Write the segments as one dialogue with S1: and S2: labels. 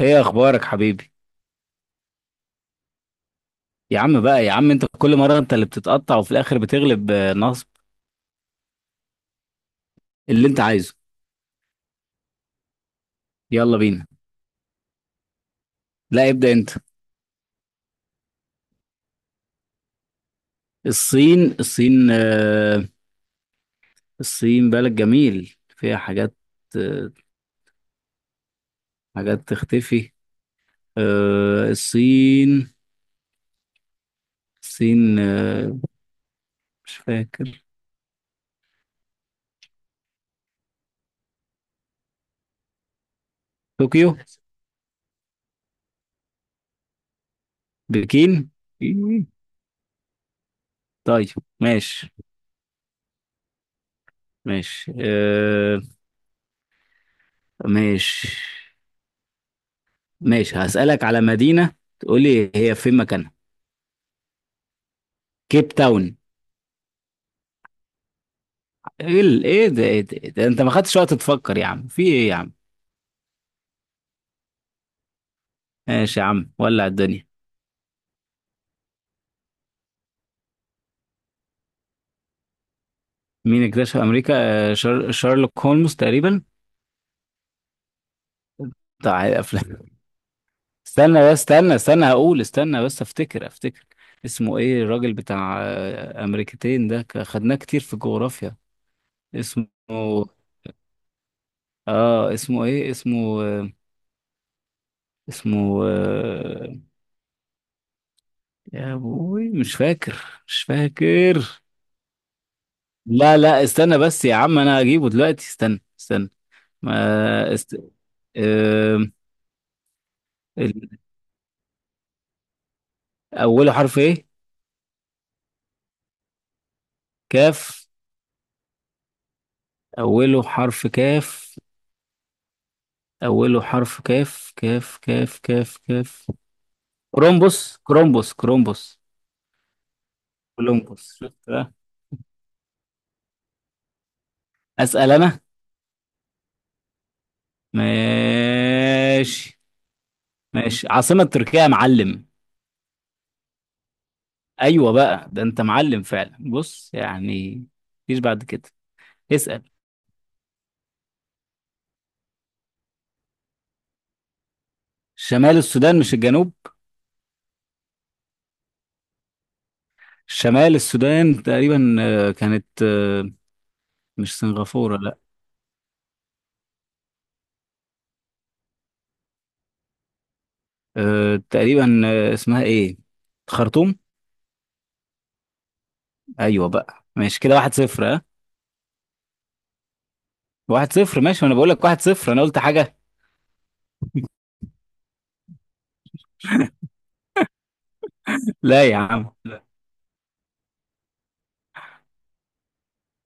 S1: ايه اخبارك حبيبي؟ يا عم بقى، يا عم انت كل مره انت اللي بتتقطع وفي الاخر بتغلب، نصب. اللي انت عايزه. يلا بينا. لا، ابدا انت. الصين، الصين، الصين بلد جميل فيها حاجات. آه، حاجات تختفي. الصين. الصين، مش فاكر. طوكيو. بكين. إيه. طيب. ماشي. ماشي، ماشي. ماشي هسألك على مدينة، تقولي هي فين مكانها. كيب تاون. ايه ايه ده، ايه ده، ايه ده، انت ما خدتش وقت تفكر يا عم، في ايه يا عم؟ ماشي يا عم، ولع الدنيا. مين اكتشف امريكا؟ شارلوك هولمز تقريبا. بتاع افلام. استنى بس، استنى استنى، هقول، استنى بس، افتكر افتكر. اسمه ايه الراجل بتاع امريكتين ده، خدناه كتير في الجغرافيا. اسمه. اه، اسمه ايه، اسمه، اسمه، يا ابوي مش فاكر، مش فاكر. لا لا، استنى بس يا عم، انا هجيبه دلوقتي، استنى استنى. ما است... آم، ال- أوله حرف إيه؟ كاف. أوله حرف كاف. أوله حرف كاف، كاف كاف كاف كاف. كرومبوس، كرومبوس، كرومبوس. كولومبوس، شفت بقى؟ أسأل أنا. ماشي. ماشي، عاصمة تركيا يا معلم. أيوة بقى، ده أنت معلم فعلا، بص يعني. مفيش بعد كده. اسأل. شمال السودان مش الجنوب؟ شمال السودان تقريبا، كانت، مش سنغافورة، لا. أه تقريبا، اسمها ايه، خرطوم. ايوه بقى، ماشي كده، واحد صفر، ها. واحد صفر، ماشي، ما انا بقول لك واحد صفر، انا قلت حاجه. لا يا عم، لا.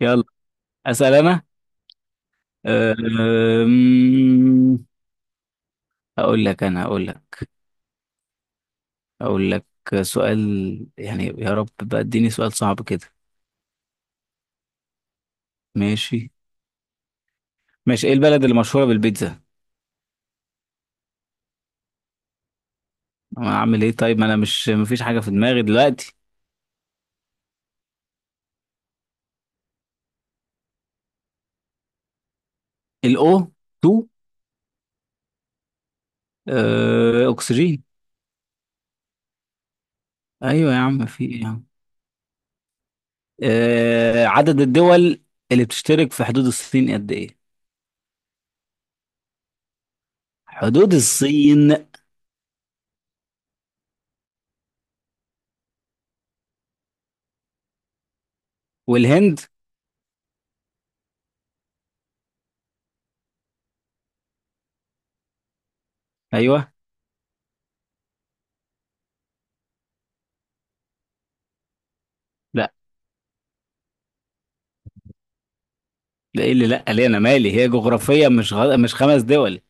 S1: يلا اسال. انا أه، أم، اقول لك انا، اقول لك، اقول لك سؤال، يعني يا رب بقى اديني سؤال صعب كده. ماشي. ماشي، ايه البلد اللي مشهوره بالبيتزا؟ اعمل ايه طيب، ما انا مش مفيش حاجه في دماغي دلوقتي. الاو 2، أه اكسجين. ايوه يا عم، في ايه يا عم؟ عدد الدول اللي بتشترك في حدود الصين قد ايه؟ حدود الصين. والهند. ايوه. لا. لا، ايه اللي لا ليه؟ انا مالي، هي جغرافيا، مش مش 5 دول.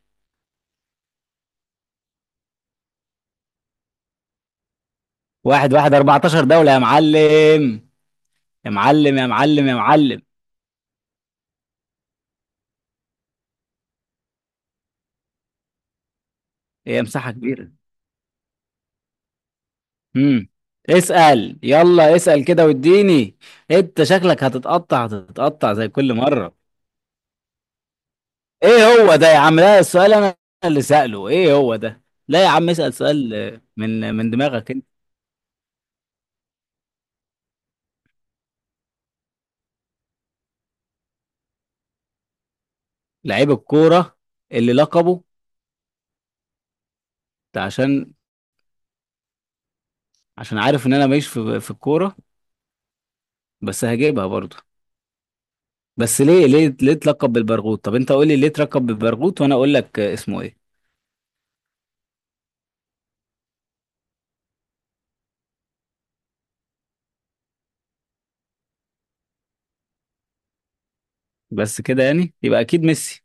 S1: واحد واحد، 14 دولة يا معلم. يا معلم، يا معلم، يا معلم. هي مساحة كبيرة. امم. اسأل، يلا اسأل كده واديني. انت شكلك هتتقطع هتتقطع زي كل مرة. ايه هو ده يا عم؟ لا، السؤال انا اللي سأله، ايه هو ده؟ لا يا عم، اسأل سؤال من دماغك. لعيب الكورة اللي لقبه؟ ده عشان، عشان عارف ان انا ماليش في الكورة، بس هجيبها برضو. بس ليه، ليه، ليه اتلقب بالبرغوت؟ طب انت قول لي ليه اتلقب بالبرغوت وانا اقول لك اسمه ايه. بس كده يعني، يبقى اكيد ميسي.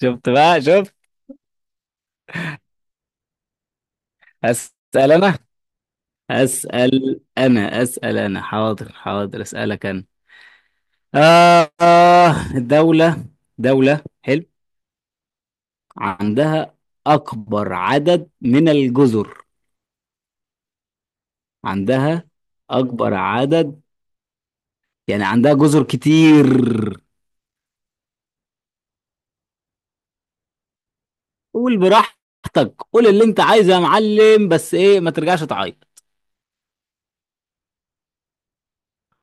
S1: شفت بقى، شفت. هسأل انا هسأل انا اسأل انا، حاضر حاضر، اسألك انا. آه آه، دولة، دولة حلو عندها اكبر عدد من الجزر. عندها اكبر عدد، يعني عندها جزر كتير. قول براحتك، قول اللي انت عايزه يا معلم، بس ايه ما ترجعش تعيط.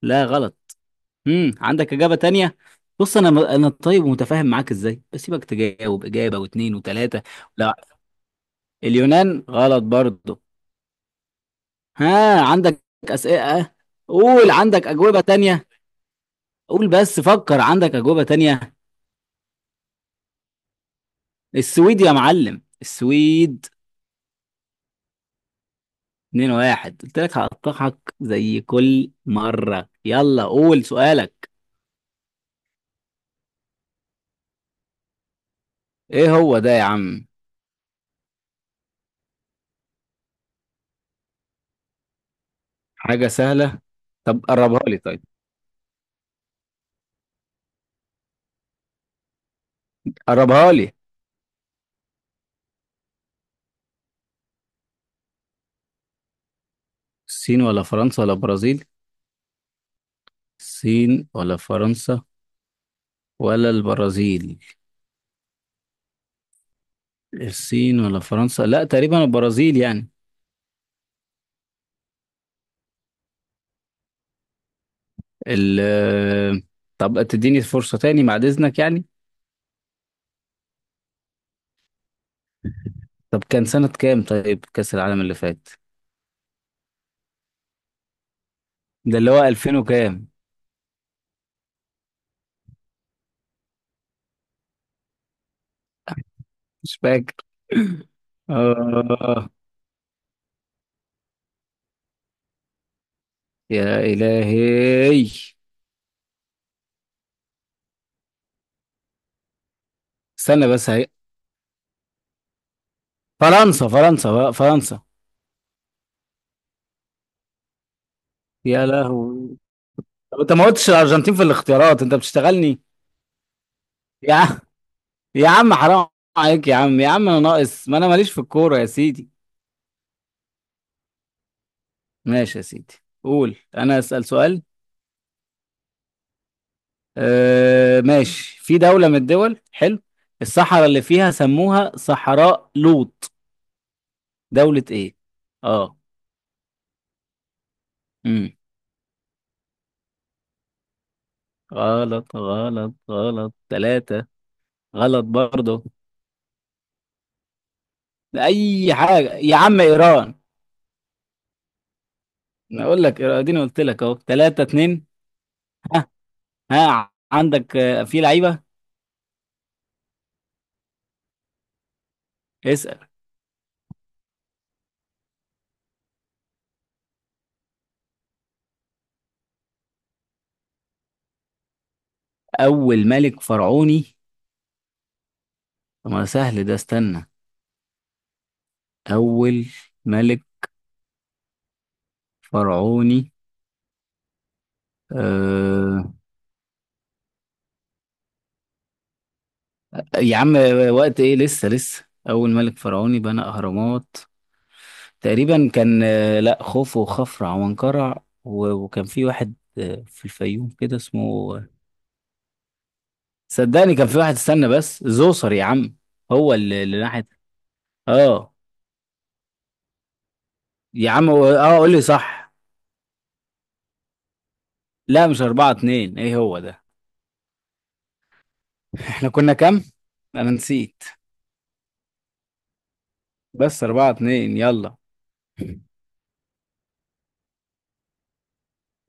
S1: لا، غلط. امم، عندك اجابه تانية؟ بص، انا طيب ومتفاهم معاك ازاي، بسيبك تجاوب اجابه واثنين وثلاثه. لا. اليونان غلط برضه. ها عندك اسئله. قول، عندك اجوبه تانية. قول بس فكر، عندك اجوبه تانية. السويد يا معلم، السويد. 2 واحد، قلت لك هقطعك زي كل مره، يلا قول سؤالك. ايه هو ده يا عم؟ حاجة سهلة. طب قربها لي طيب، قربها لي. الصين ولا فرنسا ولا برازيل. الصين ولا فرنسا ولا البرازيل. الصين ولا فرنسا، لا تقريبا البرازيل يعني. ال طب تديني فرصة تاني بعد إذنك يعني. طب كان سنة كام طيب كأس العالم اللي فات؟ ده اللي هو 2000 وكام. مش فاكر. آه. يا إلهي. استنى بس، هي فرنسا، فرنسا بقى، فرنسا. يا لهوي. طب انت ما قلتش الارجنتين في الاختيارات، انت بتشتغلني. يا عم، يا عم حرام عليك يا عم، يا عم انا ناقص، ما انا ماليش في الكوره يا سيدي. ماشي يا سيدي. قول، انا اسال سؤال. آه ماشي، في دوله من الدول، حلو، الصحراء اللي فيها سموها صحراء لوط، دوله ايه؟ اه. امم. غلط، غلط، غلط، ثلاثة. غلط برضه. اي حاجه يا عم، ايران. انا اقول لك إيران، اديني قلت لك اهو، 3-2. ها عندك، في لعيبه. اسأل. أول ملك فرعوني. طب ما سهل ده، استنى. أول ملك فرعوني. أه... يا عم، وقت إيه، لسه لسه أول ملك فرعوني بنى أهرامات. تقريبا كان، لا خوفو وخفرع وانقرع وكان في واحد في الفيوم كده اسمه. صدقني كان في واحد، استنى بس، زوسر يا عم. هو اللي ناحية. اه. يا عم، اه قول لي صح. لا، مش 4-2، ايه هو ده؟ احنا كنا كام؟ انا نسيت، بس أربعة اتنين، يلا.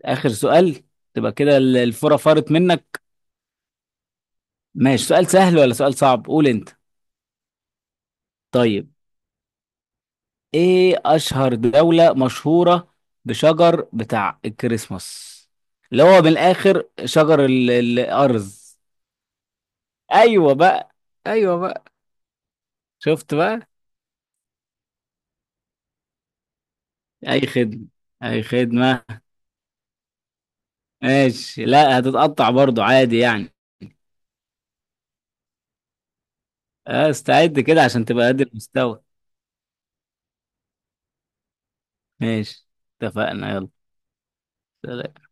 S1: آخر سؤال. تبقى كده الفرة فرت منك. ماشي، سؤال سهل ولا سؤال صعب، قول أنت. طيب، إيه أشهر دولة مشهورة بشجر بتاع الكريسماس، اللي هو من الآخر شجر الأرز. أيوة بقى. أيوة بقى. شفت بقى. أي خدمة. أي خدمة. ماشي، لا، هتتقطع برضو عادي يعني. استعد كده عشان تبقى قد المستوى. ماشي، اتفقنا، يلا. سلام.